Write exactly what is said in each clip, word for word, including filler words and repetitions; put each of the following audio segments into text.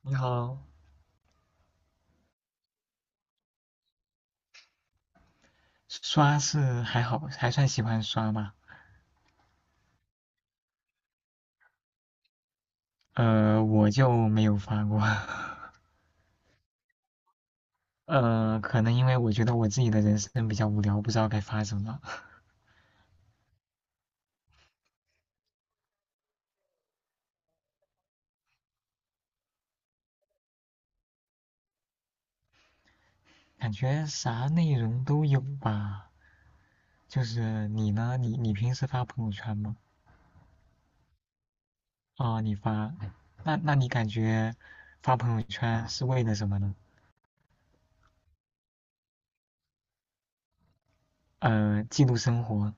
你好，刷是还好，还算喜欢刷吧。呃，我就没有发过。呃，可能因为我觉得我自己的人生比较无聊，不知道该发什么。感觉啥内容都有吧。就是你呢，你你平时发朋友圈吗？哦，你发。那那你感觉发朋友圈是为了什么呢？呃，记录生活。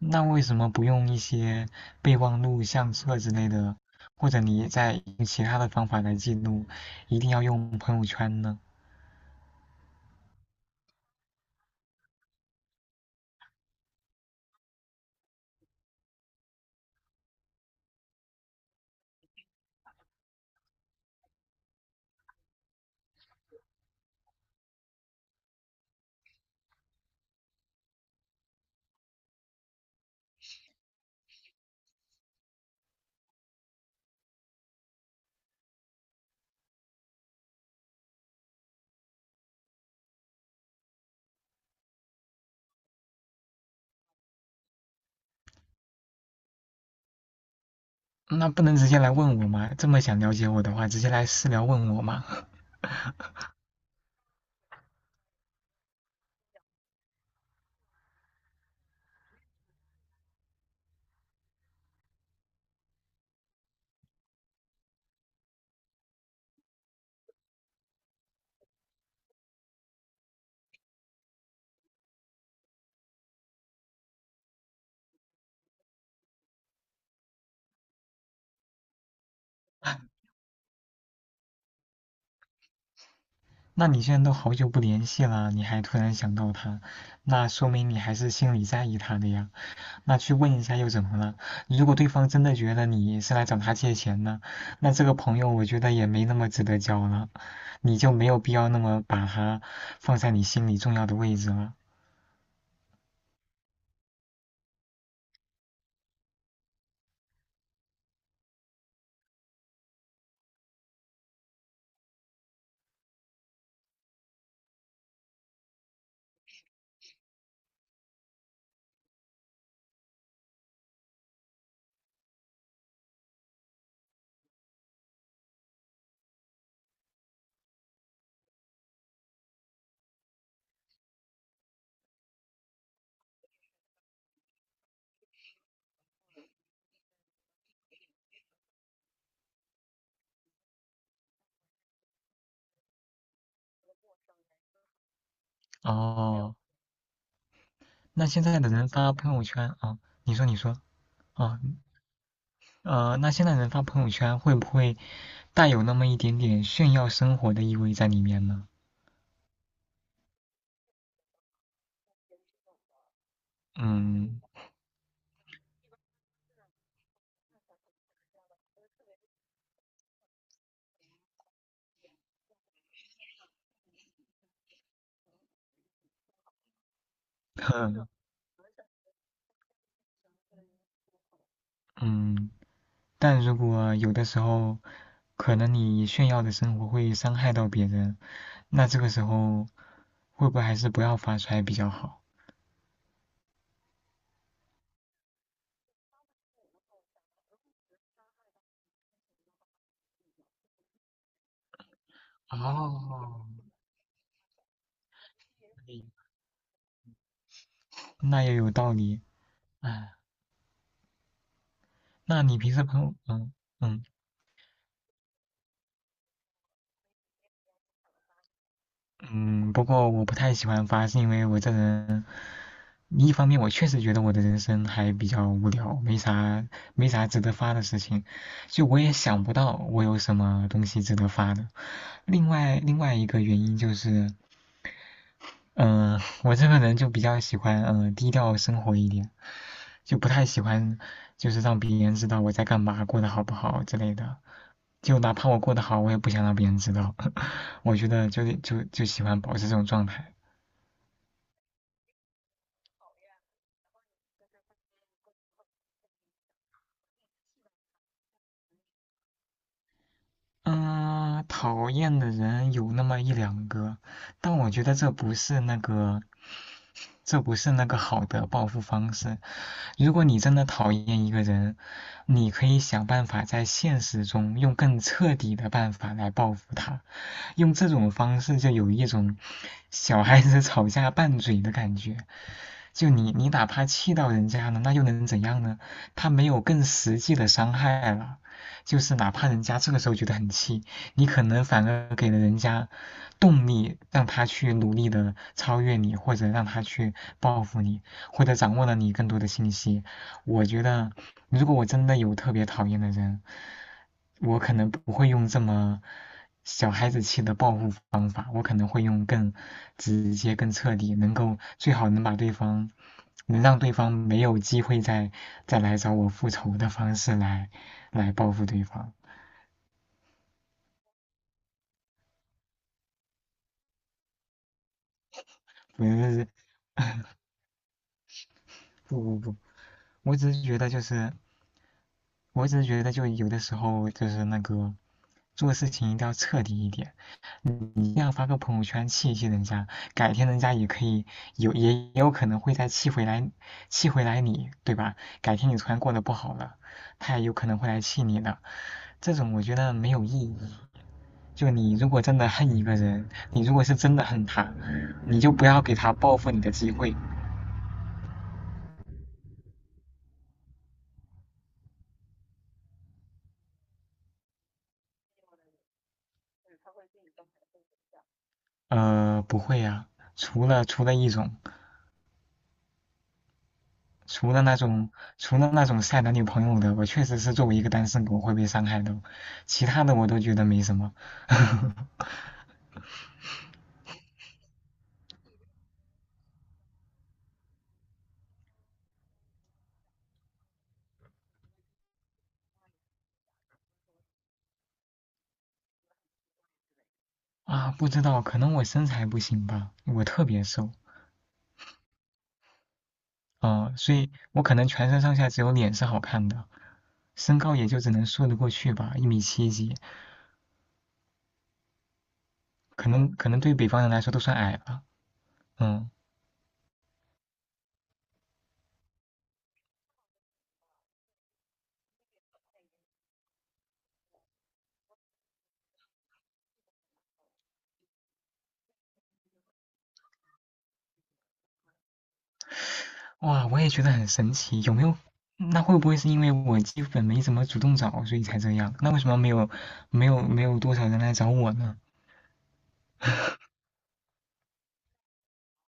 那为什么不用一些备忘录、相册之类的，或者你在其他的方法来记录，一定要用朋友圈呢？那不能直接来问我吗？这么想了解我的话，直接来私聊问我吗？那你现在都好久不联系了，你还突然想到他，那说明你还是心里在意他的呀。那去问一下又怎么了？如果对方真的觉得你是来找他借钱的，那这个朋友我觉得也没那么值得交了，你就没有必要那么把他放在你心里重要的位置了。哦，那现在的人发朋友圈啊。哦，你说你说。啊，呃，那现在人发朋友圈会不会带有那么一点点炫耀生活的意味在里面呢？嗯。嗯嗯，但如果有的时候，可能你炫耀的生活会伤害到别人，那这个时候会不会还是不要发出来比较好？哦，那也有道理。哎，那你平时朋友，嗯嗯。嗯，不过我不太喜欢发，是因为我这人，一方面我确实觉得我的人生还比较无聊，没啥没啥值得发的事情，就我也想不到我有什么东西值得发的。另外另外一个原因就是，嗯、呃我这个人就比较喜欢嗯、呃低调生活一点，就不太喜欢就是让别人知道我在干嘛，过得好不好之类的。就哪怕我过得好，我也不想让别人知道。我觉得就就就喜欢保持这种状态。嗯，讨厌的人有那么一两个，但我觉得这不是那个，这不是那个好的报复方式。如果你真的讨厌一个人，你可以想办法在现实中用更彻底的办法来报复他，用这种方式就有一种小孩子吵架拌嘴的感觉。就你你哪怕气到人家了，那又能怎样呢？他没有更实际的伤害了，就是哪怕人家这个时候觉得很气，你可能反而给了人家动力，让他去努力的超越你，或者让他去报复你，或者掌握了你更多的信息。我觉得，如果我真的有特别讨厌的人，我可能不会用这么小孩子气的报复方法，我可能会用更直接、更彻底，能够最好能把对方，能让对方没有机会再再来找我复仇的方式来来报复对方。不是，不不不，我只是觉得就是，我只是觉得就有的时候就是那个做事情一定要彻底一点。嗯，你一定要发个朋友圈气一气人家，改天人家也可以有，也也有可能会再气回来，气回来你，对吧？改天你突然过得不好了，他也有可能会来气你的，这种我觉得没有意义。就你如果真的恨一个人，你如果是真的恨他，你就不要给他报复你的机会。呃，不会啊，除了除了一种。除了那种除了那种晒男女朋友的，我确实是作为一个单身狗会被伤害的，其他的我都觉得没什么。啊，不知道，可能我身材不行吧，我特别瘦。啊、所以我可能全身上下只有脸是好看的，身高也就只能说得过去吧，一米七几，可能可能对北方人来说都算矮了。嗯，哇，我也觉得很神奇，有没有？那会不会是因为我基本没怎么主动找，所以才这样？那为什么没有没有没有多少人来找我呢？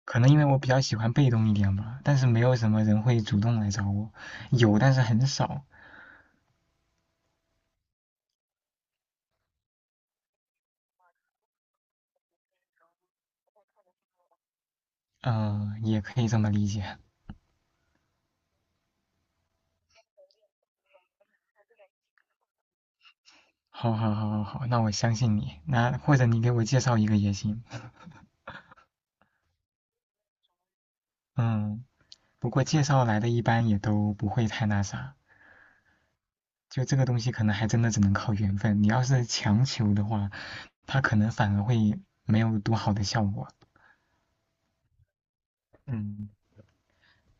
可能因为我比较喜欢被动一点吧，但是没有什么人会主动来找我，有但是很少。嗯、呃也可以这么理解。好好好好好，那我相信你，那或者你给我介绍一个也行。嗯，不过介绍来的一般也都不会太那啥，就这个东西可能还真的只能靠缘分，你要是强求的话，它可能反而会没有多好的效果。嗯，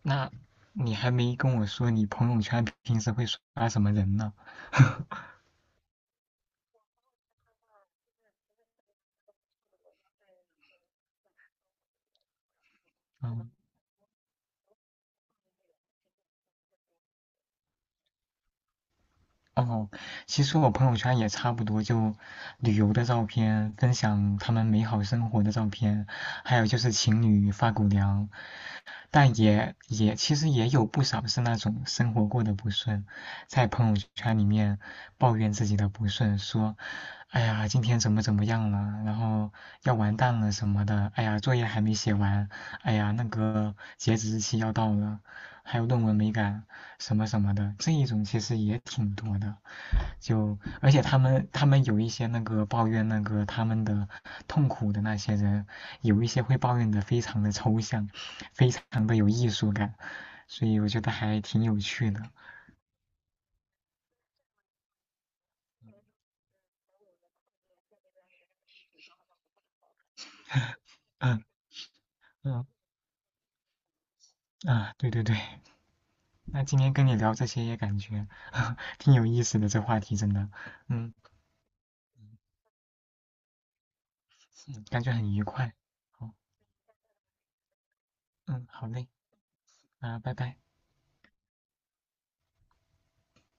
那你还没跟我说你朋友圈平时会刷什么人呢？嗯。哦，其实我朋友圈也差不多，就旅游的照片，分享他们美好生活的照片，还有就是情侣发狗粮，但也也其实也有不少是那种生活过得不顺，在朋友圈里面抱怨自己的不顺，说，哎呀，今天怎么怎么样了，然后要完蛋了什么的，哎呀，作业还没写完，哎呀，那个截止日期要到了，还有论文没赶，什么什么的，这一种其实也挺多的，就而且他们他们有一些那个抱怨那个他们的痛苦的那些人，有一些会抱怨的非常的抽象。很的有艺术感，所以我觉得还挺有趣的。嗯嗯，啊，对对对，那今天跟你聊这些也感觉 挺有意思的，这话题真的，嗯，嗯感觉很愉快。好，嗯，好嘞，啊，拜拜。